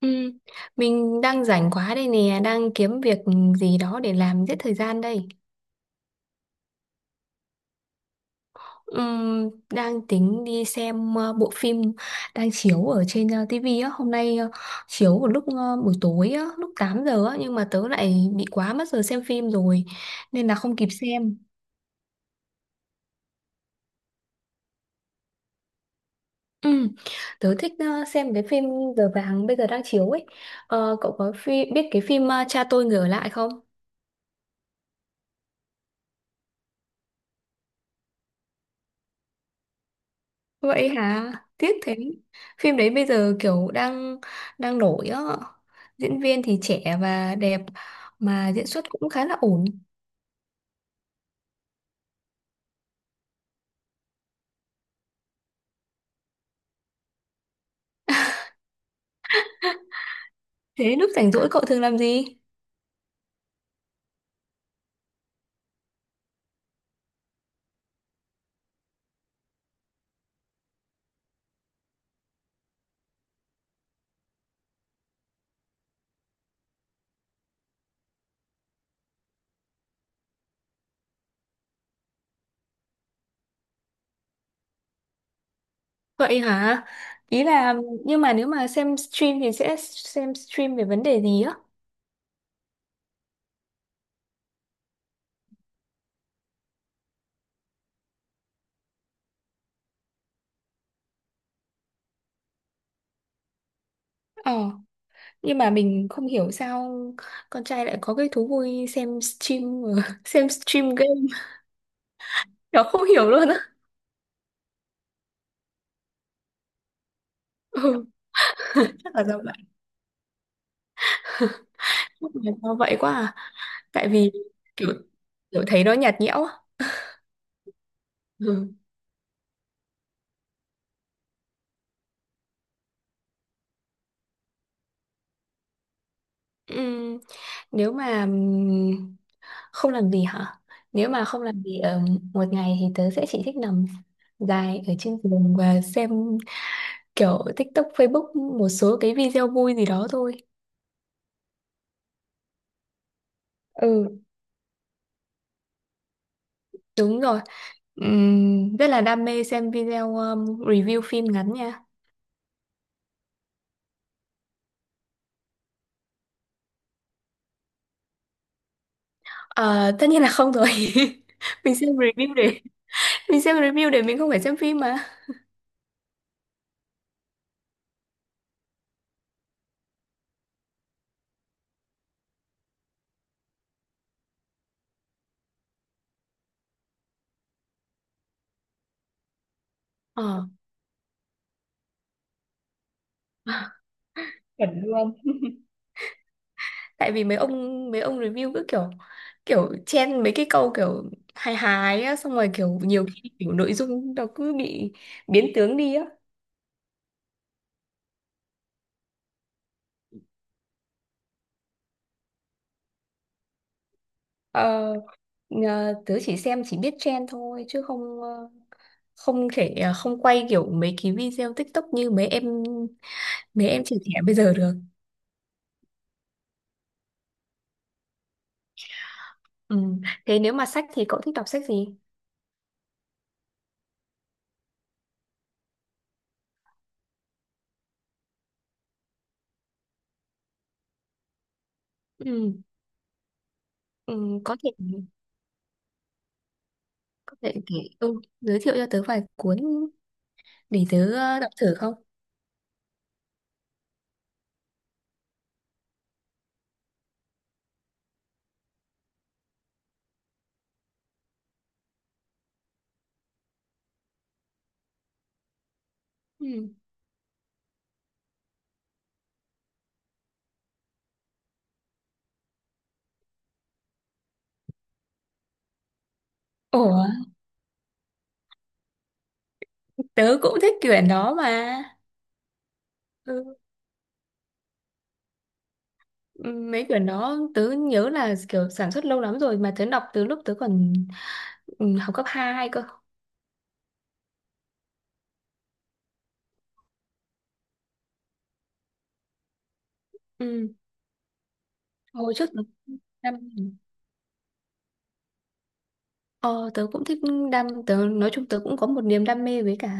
Ừ, mình đang rảnh quá đây nè, đang kiếm việc gì đó để làm giết thời gian đây. Đang tính đi xem bộ phim đang chiếu ở trên TV á, hôm nay, chiếu vào lúc, buổi tối á, lúc 8 giờ á, nhưng mà tớ lại bị quá mất giờ xem phim rồi nên là không kịp xem. Ừ, tớ thích xem cái phim Giờ vàng bây giờ đang chiếu ấy. Ờ, cậu có phim biết cái phim, Cha tôi người ở lại không? Vậy hả? Tiếc thế. Phim đấy bây giờ kiểu đang đang nổi á. Diễn viên thì trẻ và đẹp mà diễn xuất cũng khá là ổn. Thế lúc rảnh rỗi cậu thường làm gì? Vậy hả? Ý là, nhưng mà nếu mà xem stream thì sẽ xem stream về vấn đề gì á? Ờ, nhưng mà mình không hiểu sao con trai lại có cái thú vui xem stream, xem stream game. Nó không hiểu luôn á. Ừ, chắc là do vậy. Chắc là do vậy quá à. Tại vì kiểu kiểu thấy nó nhạt nhẽo á. Ừ. Ừm, nếu mà không làm gì hả? Nếu mà không làm gì ở một ngày thì tớ sẽ chỉ thích nằm dài ở trên giường và xem kiểu TikTok, Facebook, một số cái video vui gì đó thôi. Ừ, đúng rồi. Rất là đam mê xem video, review phim ngắn nha. Ờ, tất nhiên là không rồi. Mình xem review để mình xem review để mình không phải xem phim mà. Ờ, chuẩn luôn. Tại vì mấy ông review cứ kiểu kiểu chen mấy cái câu kiểu hài hài á, xong rồi kiểu nhiều khi kiểu nội dung nó cứ bị biến tướng đi á. ờ, Tớ chỉ xem chỉ biết chen thôi chứ không, không thể, không quay kiểu mấy cái video TikTok như mấy em trẻ trẻ bây giờ được. Ừ, thế nếu mà sách thì cậu thích đọc sách gì? Ừ. Ừ, có thể kể ừ. giới thiệu cho tớ vài cuốn để tớ đọc thử không? Ừ. Ủa, tớ cũng thích quyển đó mà. Ừ, mấy quyển đó tớ nhớ là kiểu sản xuất lâu lắm rồi mà tớ đọc từ lúc tớ còn, ừ, học cấp hai cơ. Ừ. Hồi trước tớ đam, ờ, tớ cũng thích đam, tớ nói chung tớ cũng có một niềm đam mê với cả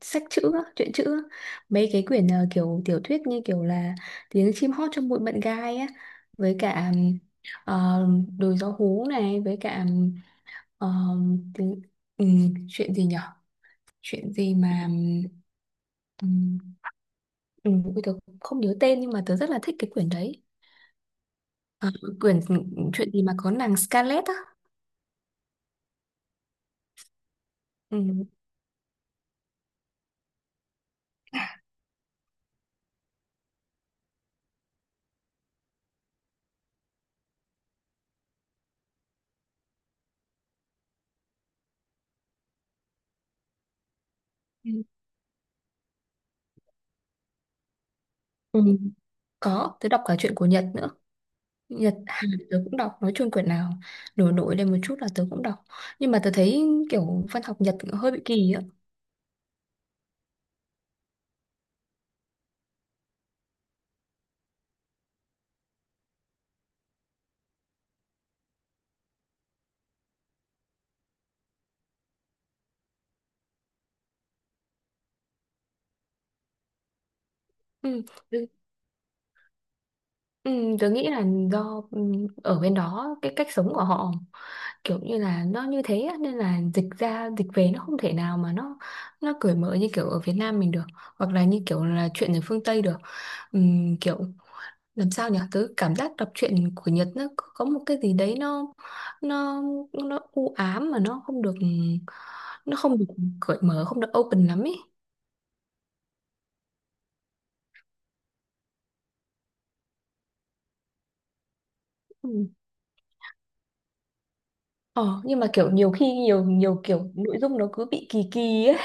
sách chữ á, truyện chữ á. Mấy cái quyển, kiểu tiểu thuyết như kiểu là Tiếng chim hót trong bụi mận gai á, với cả, ờ, Đồi gió hú này, với cả, ờ, tiếng, ừ, chuyện gì nhỉ, chuyện gì mà, ừm, ui, tớ không nhớ tên nhưng mà tớ rất là thích cái quyển đấy. À, quyển chuyện gì mà có nàng Scarlett á. Ừm, ừm, ừm, có, tớ đọc cả chuyện của Nhật nữa. Nhật Hàn tớ cũng đọc, nói chung quyển nào nổi nổi lên một chút là tớ cũng đọc, nhưng mà tớ thấy kiểu văn học Nhật hơi bị kỳ á. Ừm, Ừ, tớ nghĩ là do, ừ, ở bên đó cái cách sống của họ kiểu như là nó như thế á, nên là dịch ra dịch về nó không thể nào mà nó cởi mở như kiểu ở Việt Nam mình được, hoặc là như kiểu là chuyện ở phương Tây được. Kiểu làm sao nhỉ, tớ cảm giác đọc truyện của Nhật nó có một cái gì đấy nó nó u ám mà nó không được cởi mở, không được open lắm ấy. Ừ. Ờ, nhưng mà kiểu nhiều khi nhiều nhiều kiểu nội dung nó cứ bị kỳ kỳ ấy.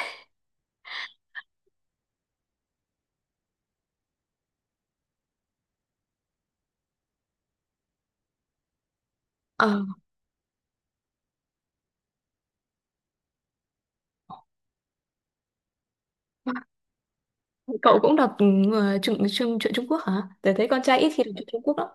Ờ, cậu cũng đọc, truyện truyện truyện Trung Quốc hả? Tớ thấy con trai ít khi đọc truyện Trung Quốc lắm.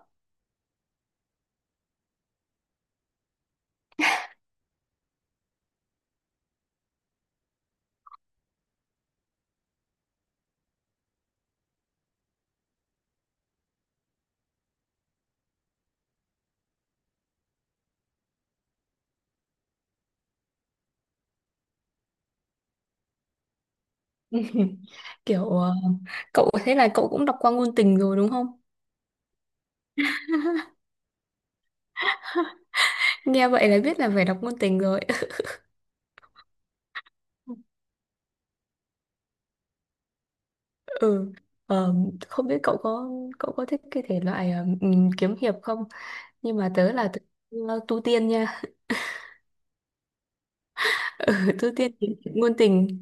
Kiểu, cậu thế là cậu cũng đọc qua ngôn tình rồi đúng không? Nghe vậy là biết là phải đọc ngôn tình rồi. Ừ. Ờ, không biết cậu có thích cái thể loại, kiếm hiệp không? Nhưng mà tớ là tớ, tu tiên nha. Ừ, tu tiên kiếm ngôn tình.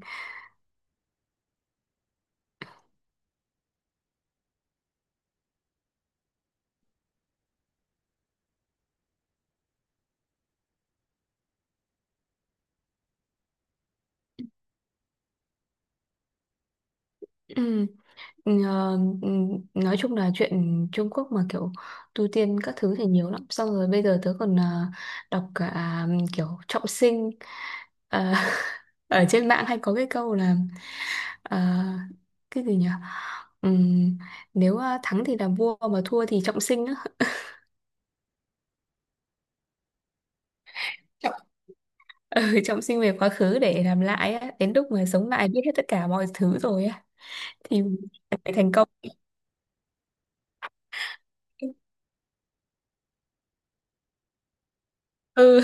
Ừ. Ờ, ừ, nói chung là chuyện Trung Quốc mà kiểu tu tiên các thứ thì nhiều lắm, xong rồi bây giờ tớ còn, đọc cả, kiểu trọng sinh. Ờ, ở trên mạng hay có cái câu là, ờ, cái gì nhỉ Ừm, nếu, thắng thì làm vua mà thua thì trọng sinh á. Trọng- Trọng sinh về quá khứ để làm lại á, đến lúc mà sống lại biết hết tất cả mọi thứ rồi á thì phải thành công. Ừ,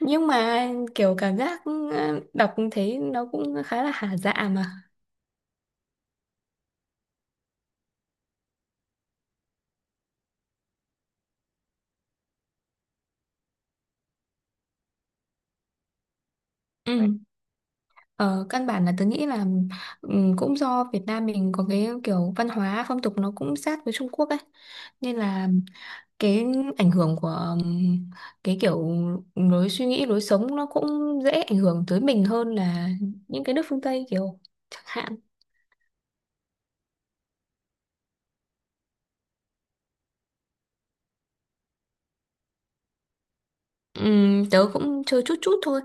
nhưng mà kiểu cảm giác, đọc thấy nó cũng khá là hả dạ mà. Ừ. Ờ, căn bản là tớ nghĩ là, cũng do Việt Nam mình có cái kiểu văn hóa phong tục nó cũng sát với Trung Quốc ấy, nên là cái ảnh hưởng của, ừm, cái kiểu lối suy nghĩ lối sống nó cũng dễ ảnh hưởng tới mình hơn là những cái nước phương Tây kiểu chẳng hạn. Tớ cũng chơi chút chút thôi,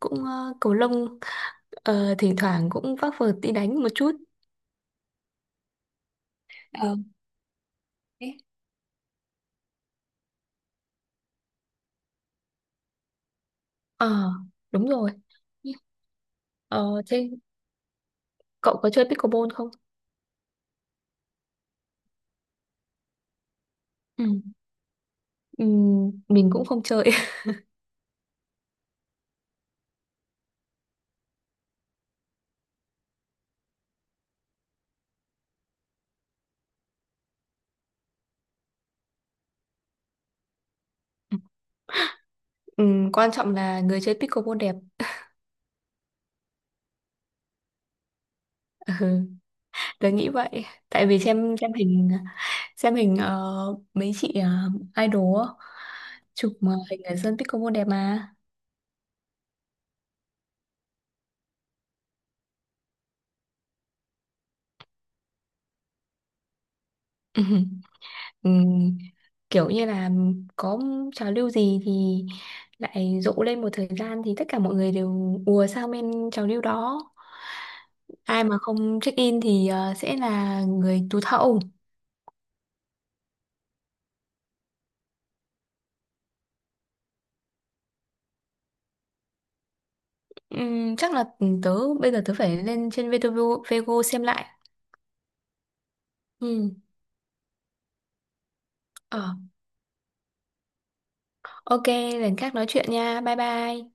cũng cầu lông. Ờ, thỉnh thoảng cũng vác vợt đi đánh một chút. Ờ. Thế. Ờ, đúng rồi. Ờ, thế cậu có chơi pickleball không? Ừ. Ừ, mình cũng không chơi. Ừ, quan trọng là người chơi pickleball đẹp. Ừ, tớ nghĩ vậy. Tại vì xem hình, xem hình mấy chị, idol á, chụp mà hình ở sân pickleball đẹp mà. Ừ. Kiểu như là có trào lưu gì thì lại rộ lên một thời gian thì tất cả mọi người đều ùa sang bên trào lưu đó, ai mà không check in thì, sẽ là người tụt hậu. Chắc là tớ bây giờ tớ phải lên trên VTV Vego xem lại. Ừm, ờ, ok, lần khác nói chuyện nha, bye bye.